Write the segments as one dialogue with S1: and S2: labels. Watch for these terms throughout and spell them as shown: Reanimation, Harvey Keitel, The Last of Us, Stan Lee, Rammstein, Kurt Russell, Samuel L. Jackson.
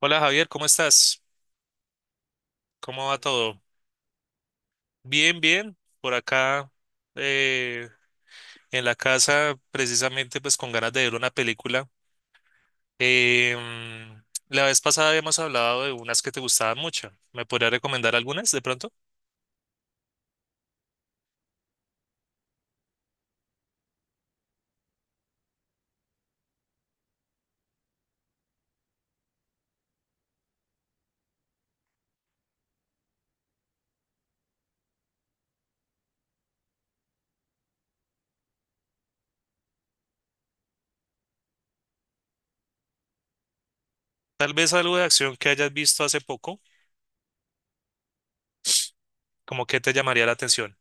S1: Hola Javier, ¿cómo estás? ¿Cómo va todo? Bien, bien. Por acá eh, en la casa, precisamente pues con ganas de ver una película. Eh, mm, la vez pasada habíamos hablado de unas que te gustaban mucho. ¿Me podrías recomendar algunas de pronto? Tal vez algo de acción que hayas visto hace poco, como que te llamaría la atención.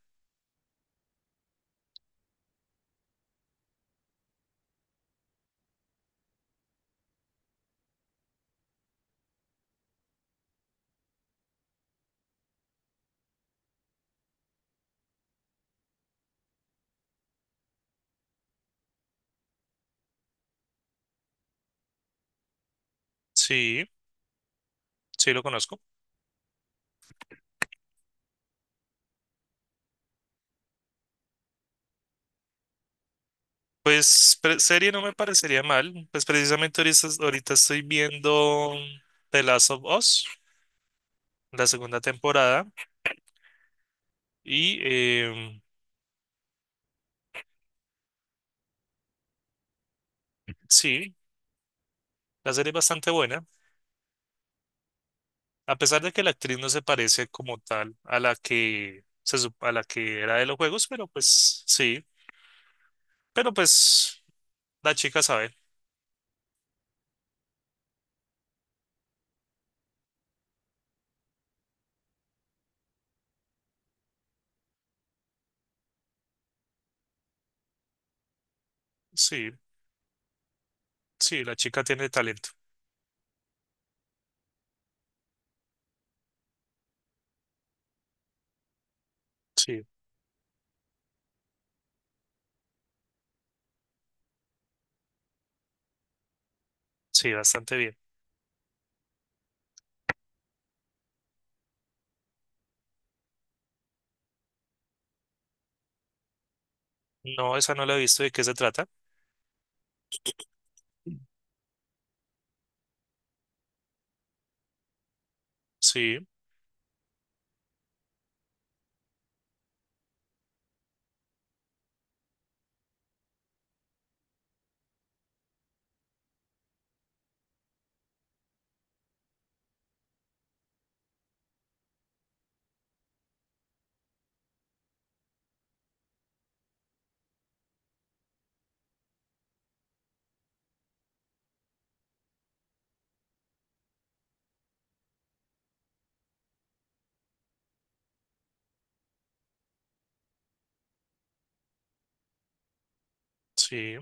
S1: Sí, sí lo conozco. Pues serie no me parecería mal. Pues precisamente ahorita estoy viendo The Last of Us, la segunda temporada. Y sí, la serie es bastante buena, a pesar de que la actriz no se parece como tal a la que, se, sup- a la que era de los juegos, pero pues sí, pero pues la chica sabe, sí, sí, la chica tiene talento, sí, sí, bastante bien. No, esa no la he visto, de qué se trata, sí, sí,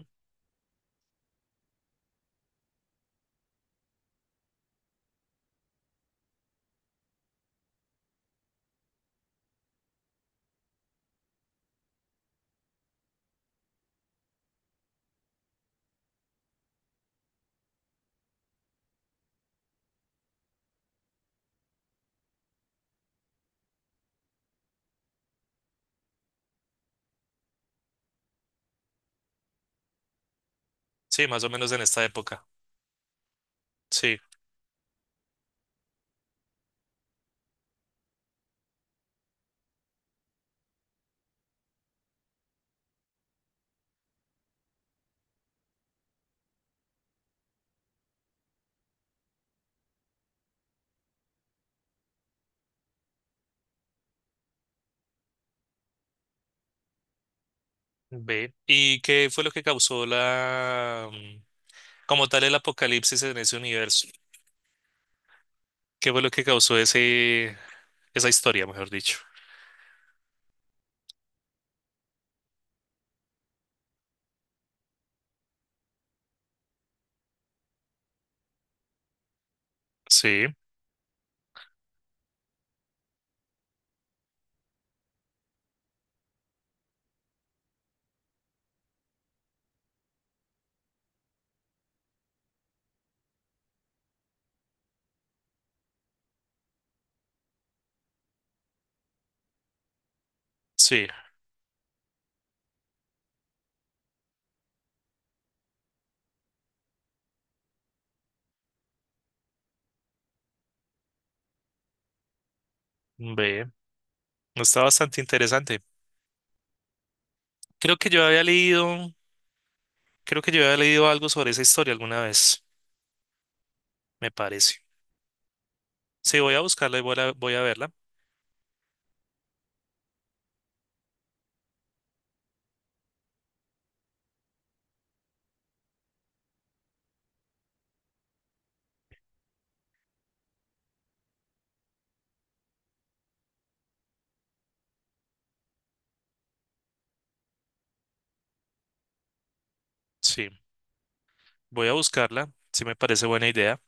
S1: sí, más o menos en esta época, sí, ve. ¿Y qué fue lo que causó la, como tal, el apocalipsis en ese universo? ¿Qué fue lo que causó esa historia, mejor dicho? Sí, sí, ve, está bastante interesante. Creo que yo había leído, Creo que yo había leído algo sobre esa historia alguna vez, me parece. Sí, voy a buscarla y voy a verla. Sí, voy a buscarla, sí me parece buena idea.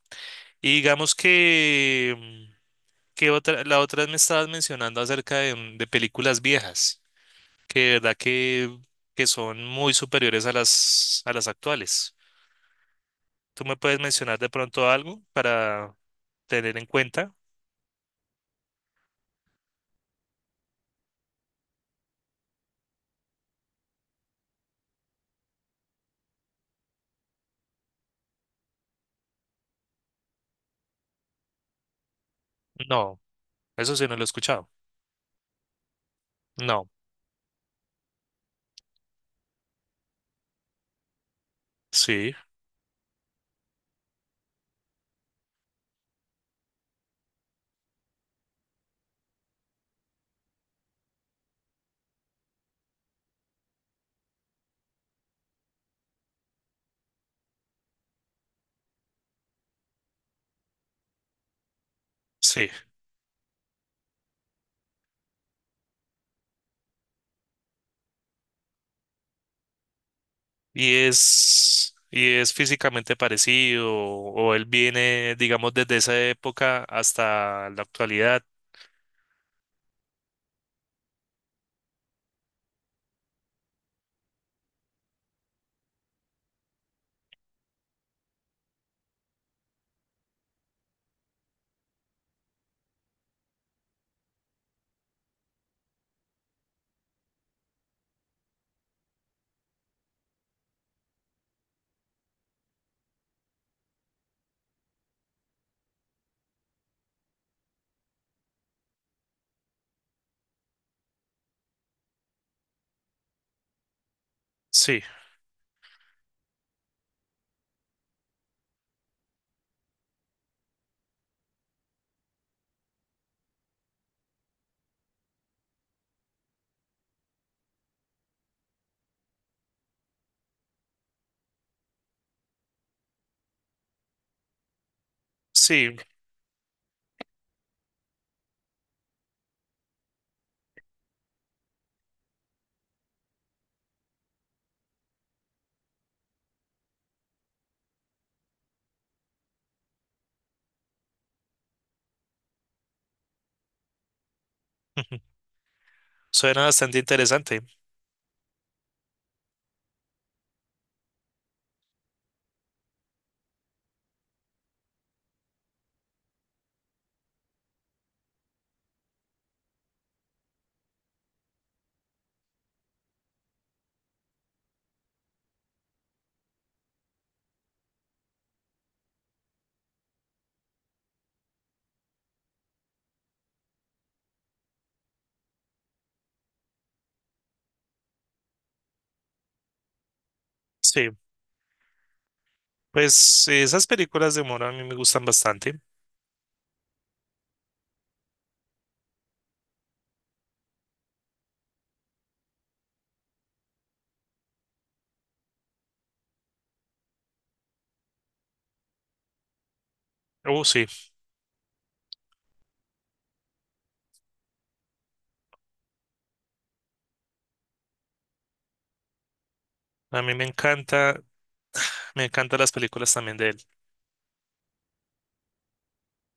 S1: Y digamos que, que otra, la otra me estabas mencionando acerca de, de películas viejas, que de verdad que son muy superiores a a las actuales. ¿Tú me puedes mencionar de pronto algo para tener en cuenta? No, eso sí no lo he escuchado. No, sí, sí. Y es físicamente parecido, o él viene, digamos, desde esa época hasta la actualidad. Sí, sí. Suena bastante interesante. Sí, pues esas películas de humor a mí me gustan bastante. Oh, sí, a mí me encanta, me encantan las películas también de él.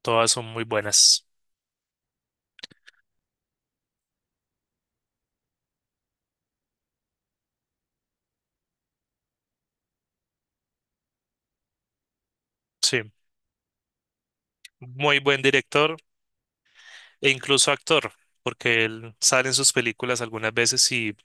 S1: Todas son muy buenas. Sí, muy buen director e incluso actor, porque él sale en sus películas algunas veces y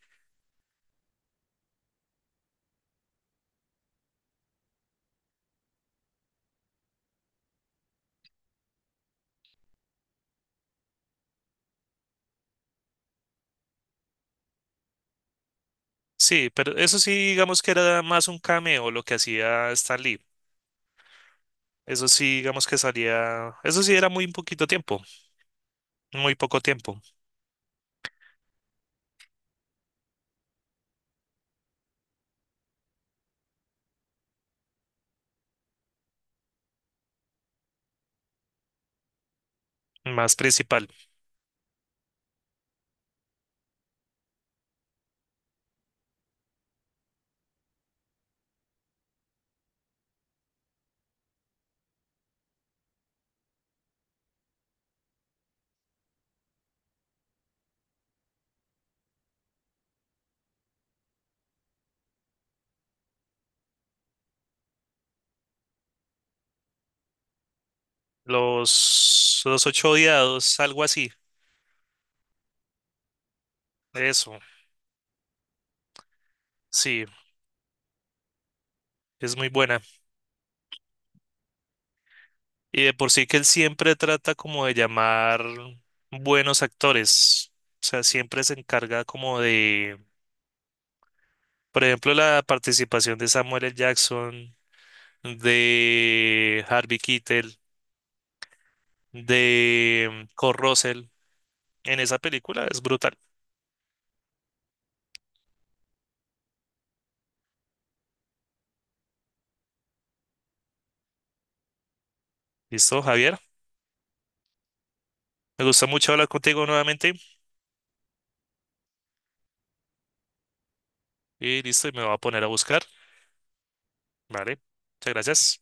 S1: sí, pero eso sí, digamos que era más un cameo lo que hacía Stan Lee. Eso sí, digamos que salía, eso sí era muy poquito tiempo, muy poco tiempo, más principal. Los ocho odiados, algo así, eso, sí, es muy buena. Y de por sí que él siempre trata como de llamar buenos actores. O sea, siempre se encarga como de, por ejemplo, la participación de Samuel L. Jackson, de Harvey Keitel, de Kurt Russell en esa película. Es brutal. ¿Listo, Javier? Me gusta mucho hablar contigo nuevamente. Y listo, y me voy a poner a buscar. Vale. Muchas gracias.